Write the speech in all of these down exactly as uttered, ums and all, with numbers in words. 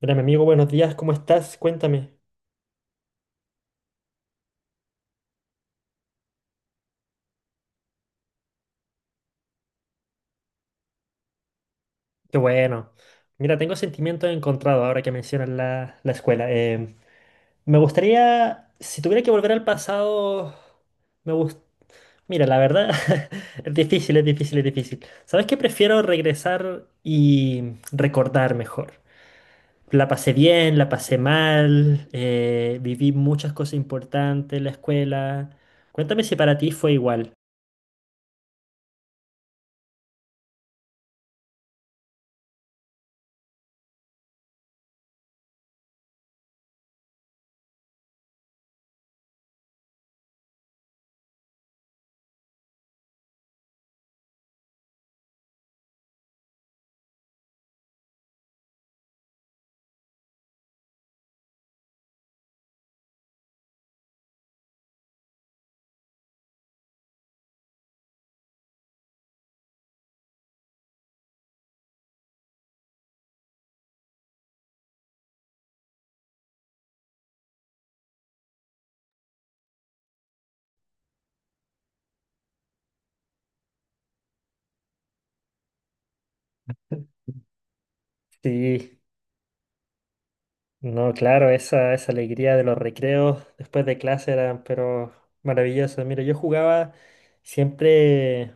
Hola, mi amigo, buenos días, ¿cómo estás? Cuéntame. Qué bueno. Mira, tengo sentimientos encontrados ahora que mencionas la, la escuela. Em, me gustaría, si tuviera que volver al pasado, me gusta... Mira, la verdad, es difícil, es difícil, es difícil. ¿Sabes qué? Prefiero regresar y recordar mejor. La pasé bien, la pasé mal, eh, viví muchas cosas importantes en la escuela. Cuéntame si para ti fue igual. Sí. No, claro, esa, esa alegría de los recreos después de clase eran, pero maravilloso. Mira, yo jugaba siempre,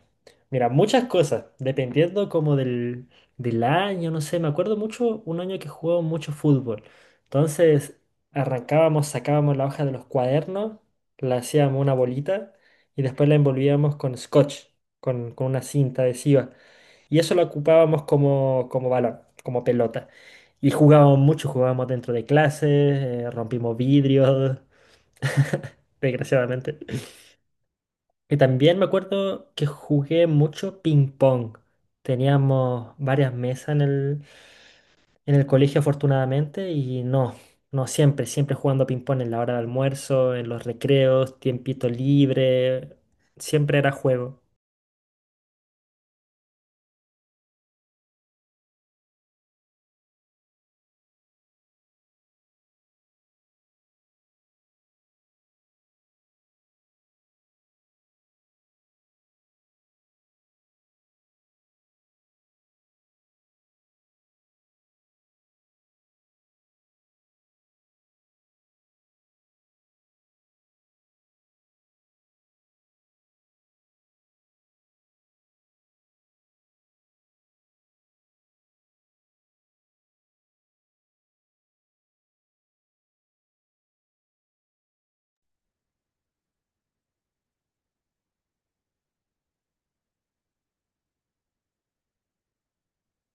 mira, muchas cosas, dependiendo como del, del año, no sé, me acuerdo mucho un año que jugaba mucho fútbol. Entonces, arrancábamos, sacábamos la hoja de los cuadernos, la hacíamos una bolita y después la envolvíamos con scotch, con, con una cinta adhesiva. Y eso lo ocupábamos como, como balón, como pelota. Y jugábamos mucho, jugábamos dentro de clases, eh, rompimos vidrios, desgraciadamente. Y también me acuerdo que jugué mucho ping pong. Teníamos varias mesas en el, en el colegio, afortunadamente, y no, no siempre, siempre jugando ping pong en la hora de almuerzo, en los recreos, tiempito libre, siempre era juego.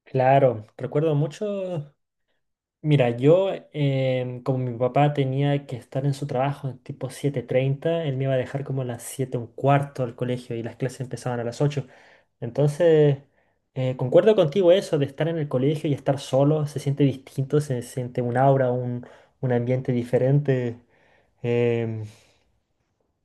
Claro, recuerdo mucho. Mira, yo, em, como mi papá tenía que estar en su trabajo en tipo siete treinta, él me iba a dejar como a las siete un cuarto al colegio y las clases empezaban a las ocho. Entonces, eh, concuerdo contigo eso de estar en el colegio y estar solo, se siente distinto, se siente un aura, un, un ambiente diferente. em,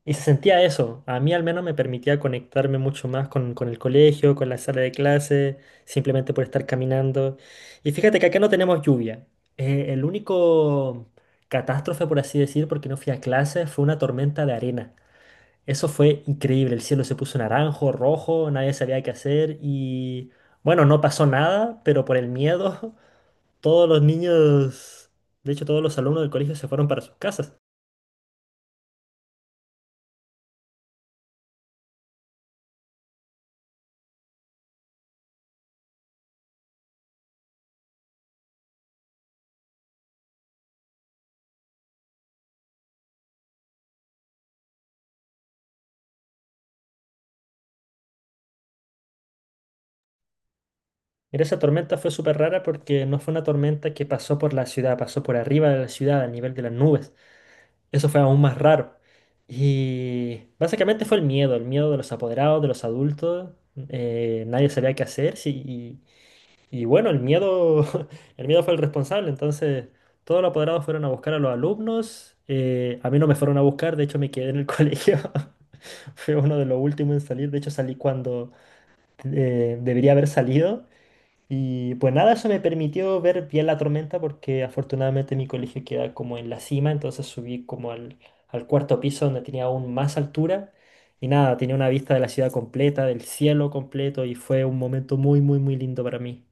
y se sentía eso. A mí al menos me permitía conectarme mucho más con, con el colegio, con la sala de clase, simplemente por estar caminando. Y fíjate que acá no tenemos lluvia. Eh, el único catástrofe, por así decir, porque no fui a clase, fue una tormenta de arena. Eso fue increíble. El cielo se puso naranjo, rojo, nadie sabía qué hacer y bueno, no pasó nada, pero por el miedo, todos los niños, de hecho todos los alumnos del colegio se fueron para sus casas. Mira, esa tormenta fue súper rara porque no fue una tormenta que pasó por la ciudad, pasó por arriba de la ciudad, a nivel de las nubes. Eso fue aún más raro. Y básicamente fue el miedo, el miedo de los apoderados, de los adultos. Eh, nadie sabía qué hacer. Sí, y, y bueno, el miedo, el miedo fue el responsable. Entonces, todos los apoderados fueron a buscar a los alumnos. eh, a mí no me fueron a buscar, de hecho me quedé en el colegio. Fue uno de los últimos en salir. De hecho, salí cuando eh, debería haber salido. Y pues nada, eso me permitió ver bien la tormenta porque afortunadamente mi colegio queda como en la cima, entonces subí como al, al cuarto piso donde tenía aún más altura y nada, tenía una vista de la ciudad completa, del cielo completo y fue un momento muy, muy, muy lindo para mí.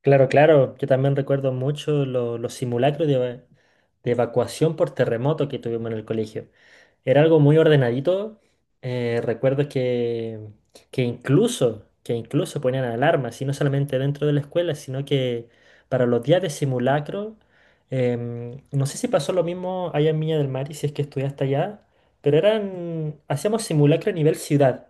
Claro, claro. Yo también recuerdo mucho lo- los simulacros de, eva- de evacuación por terremoto que tuvimos en el colegio. Era algo muy ordenadito. Eh, recuerdo que, que incluso, que incluso ponían alarmas, y no solamente dentro de la escuela, sino que para los días de simulacro, em, no sé si pasó lo mismo allá en Viña del Mar y si es que estudiaste allá, pero eran, hacíamos simulacro a nivel ciudad.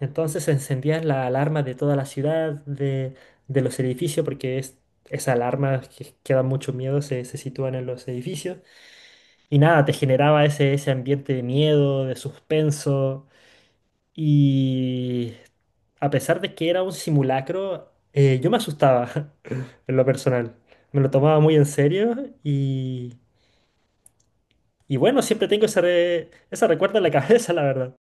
Entonces se encendían las alarmas de toda la ciudad, de, de los edificios, porque es, esa alarma que, que dan mucho miedo se, se sitúan en los edificios. Y nada, te generaba ese, ese ambiente de miedo, de suspenso. Y a pesar de que era un simulacro, eh, yo me asustaba en lo personal. Me lo tomaba muy en serio y, y bueno, siempre tengo ese, re- ese recuerdo en la cabeza, la verdad.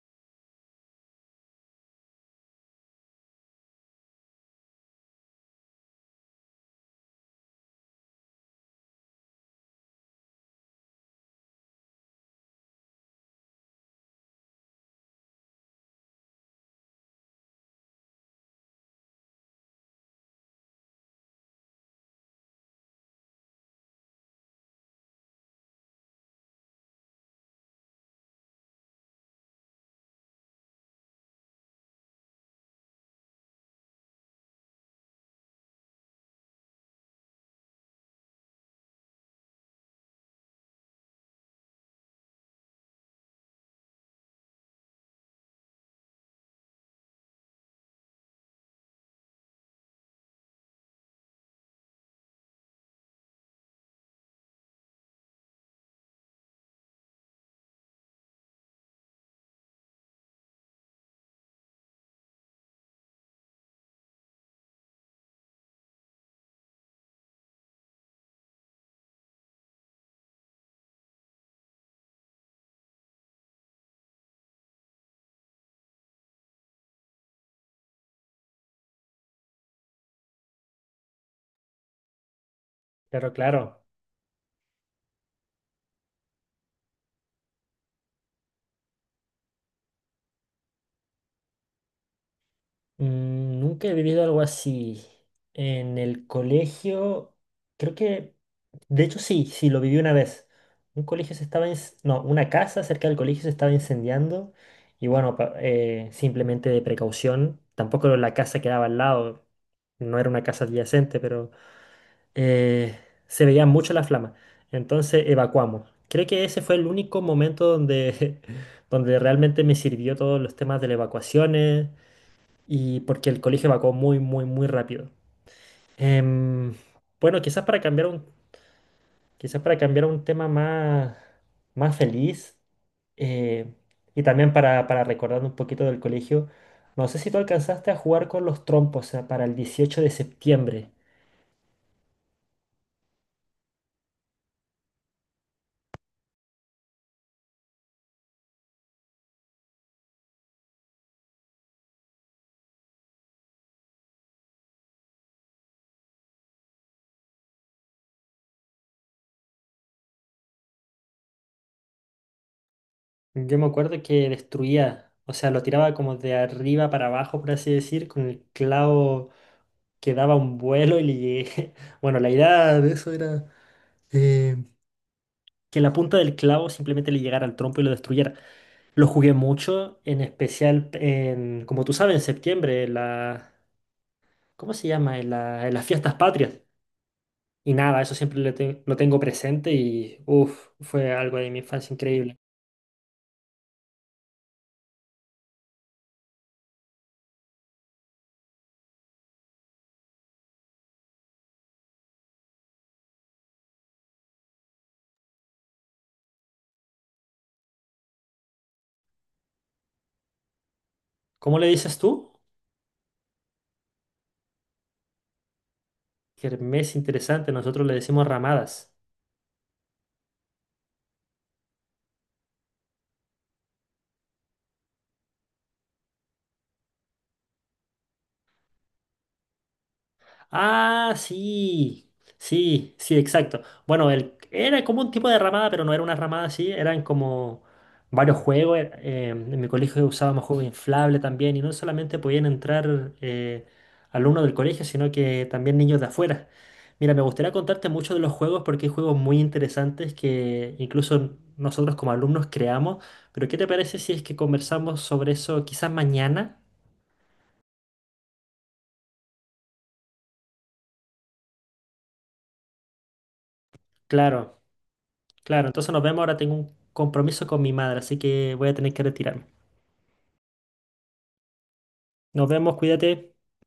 Pero claro. Mm, nunca he vivido algo así. En el colegio, creo que, de hecho sí, sí, lo viví una vez. Un colegio se estaba, inc- no, una casa cerca del colegio se estaba incendiando y bueno, pa- eh, simplemente de precaución, tampoco la casa quedaba al lado, no era una casa adyacente, pero eh, se veía mucho la flama. Entonces evacuamos. Creo que ese fue el único momento donde, donde realmente me sirvió todos los temas de las evacuaciones y porque el colegio evacuó muy, muy, muy rápido. Em, bueno, quizás para cambiar un, quizás para cambiar a un tema más, más feliz eh, y también para, para recordar un poquito del colegio, no sé si tú alcanzaste a jugar con los trompos, o para el dieciocho de septiembre. Yo me acuerdo que destruía, o sea, lo tiraba como de arriba para abajo, por así decir, con el clavo que daba un vuelo y le llegué- Bueno, la idea de eso era eh, que la punta del clavo simplemente le llegara al trompo y lo destruyera. Lo jugué mucho, en especial en, como tú sabes, en septiembre, en la, ¿cómo se llama? En la- en las fiestas patrias. Y nada, eso siempre lo, te- lo tengo presente y uff, fue algo de mi infancia increíble. ¿Cómo le dices tú? Kermés interesante, nosotros le decimos ramadas. Ah, sí, sí, sí, exacto. Bueno, el, era como un tipo de ramada, pero no era una ramada así, eran como varios juegos. Er- eh, en mi colegio usábamos juegos inflables también y no solamente podían entrar eh, alumnos del colegio, sino que también niños de afuera. Mira, me gustaría contarte mucho de los juegos porque hay juegos muy interesantes que incluso nosotros como alumnos creamos, pero ¿qué te parece si es que conversamos sobre eso quizás mañana? Claro. Claro, entonces nos vemos. Ahora tengo un compromiso con mi madre, así que voy a tener que retirarme. Nos vemos, cuídate.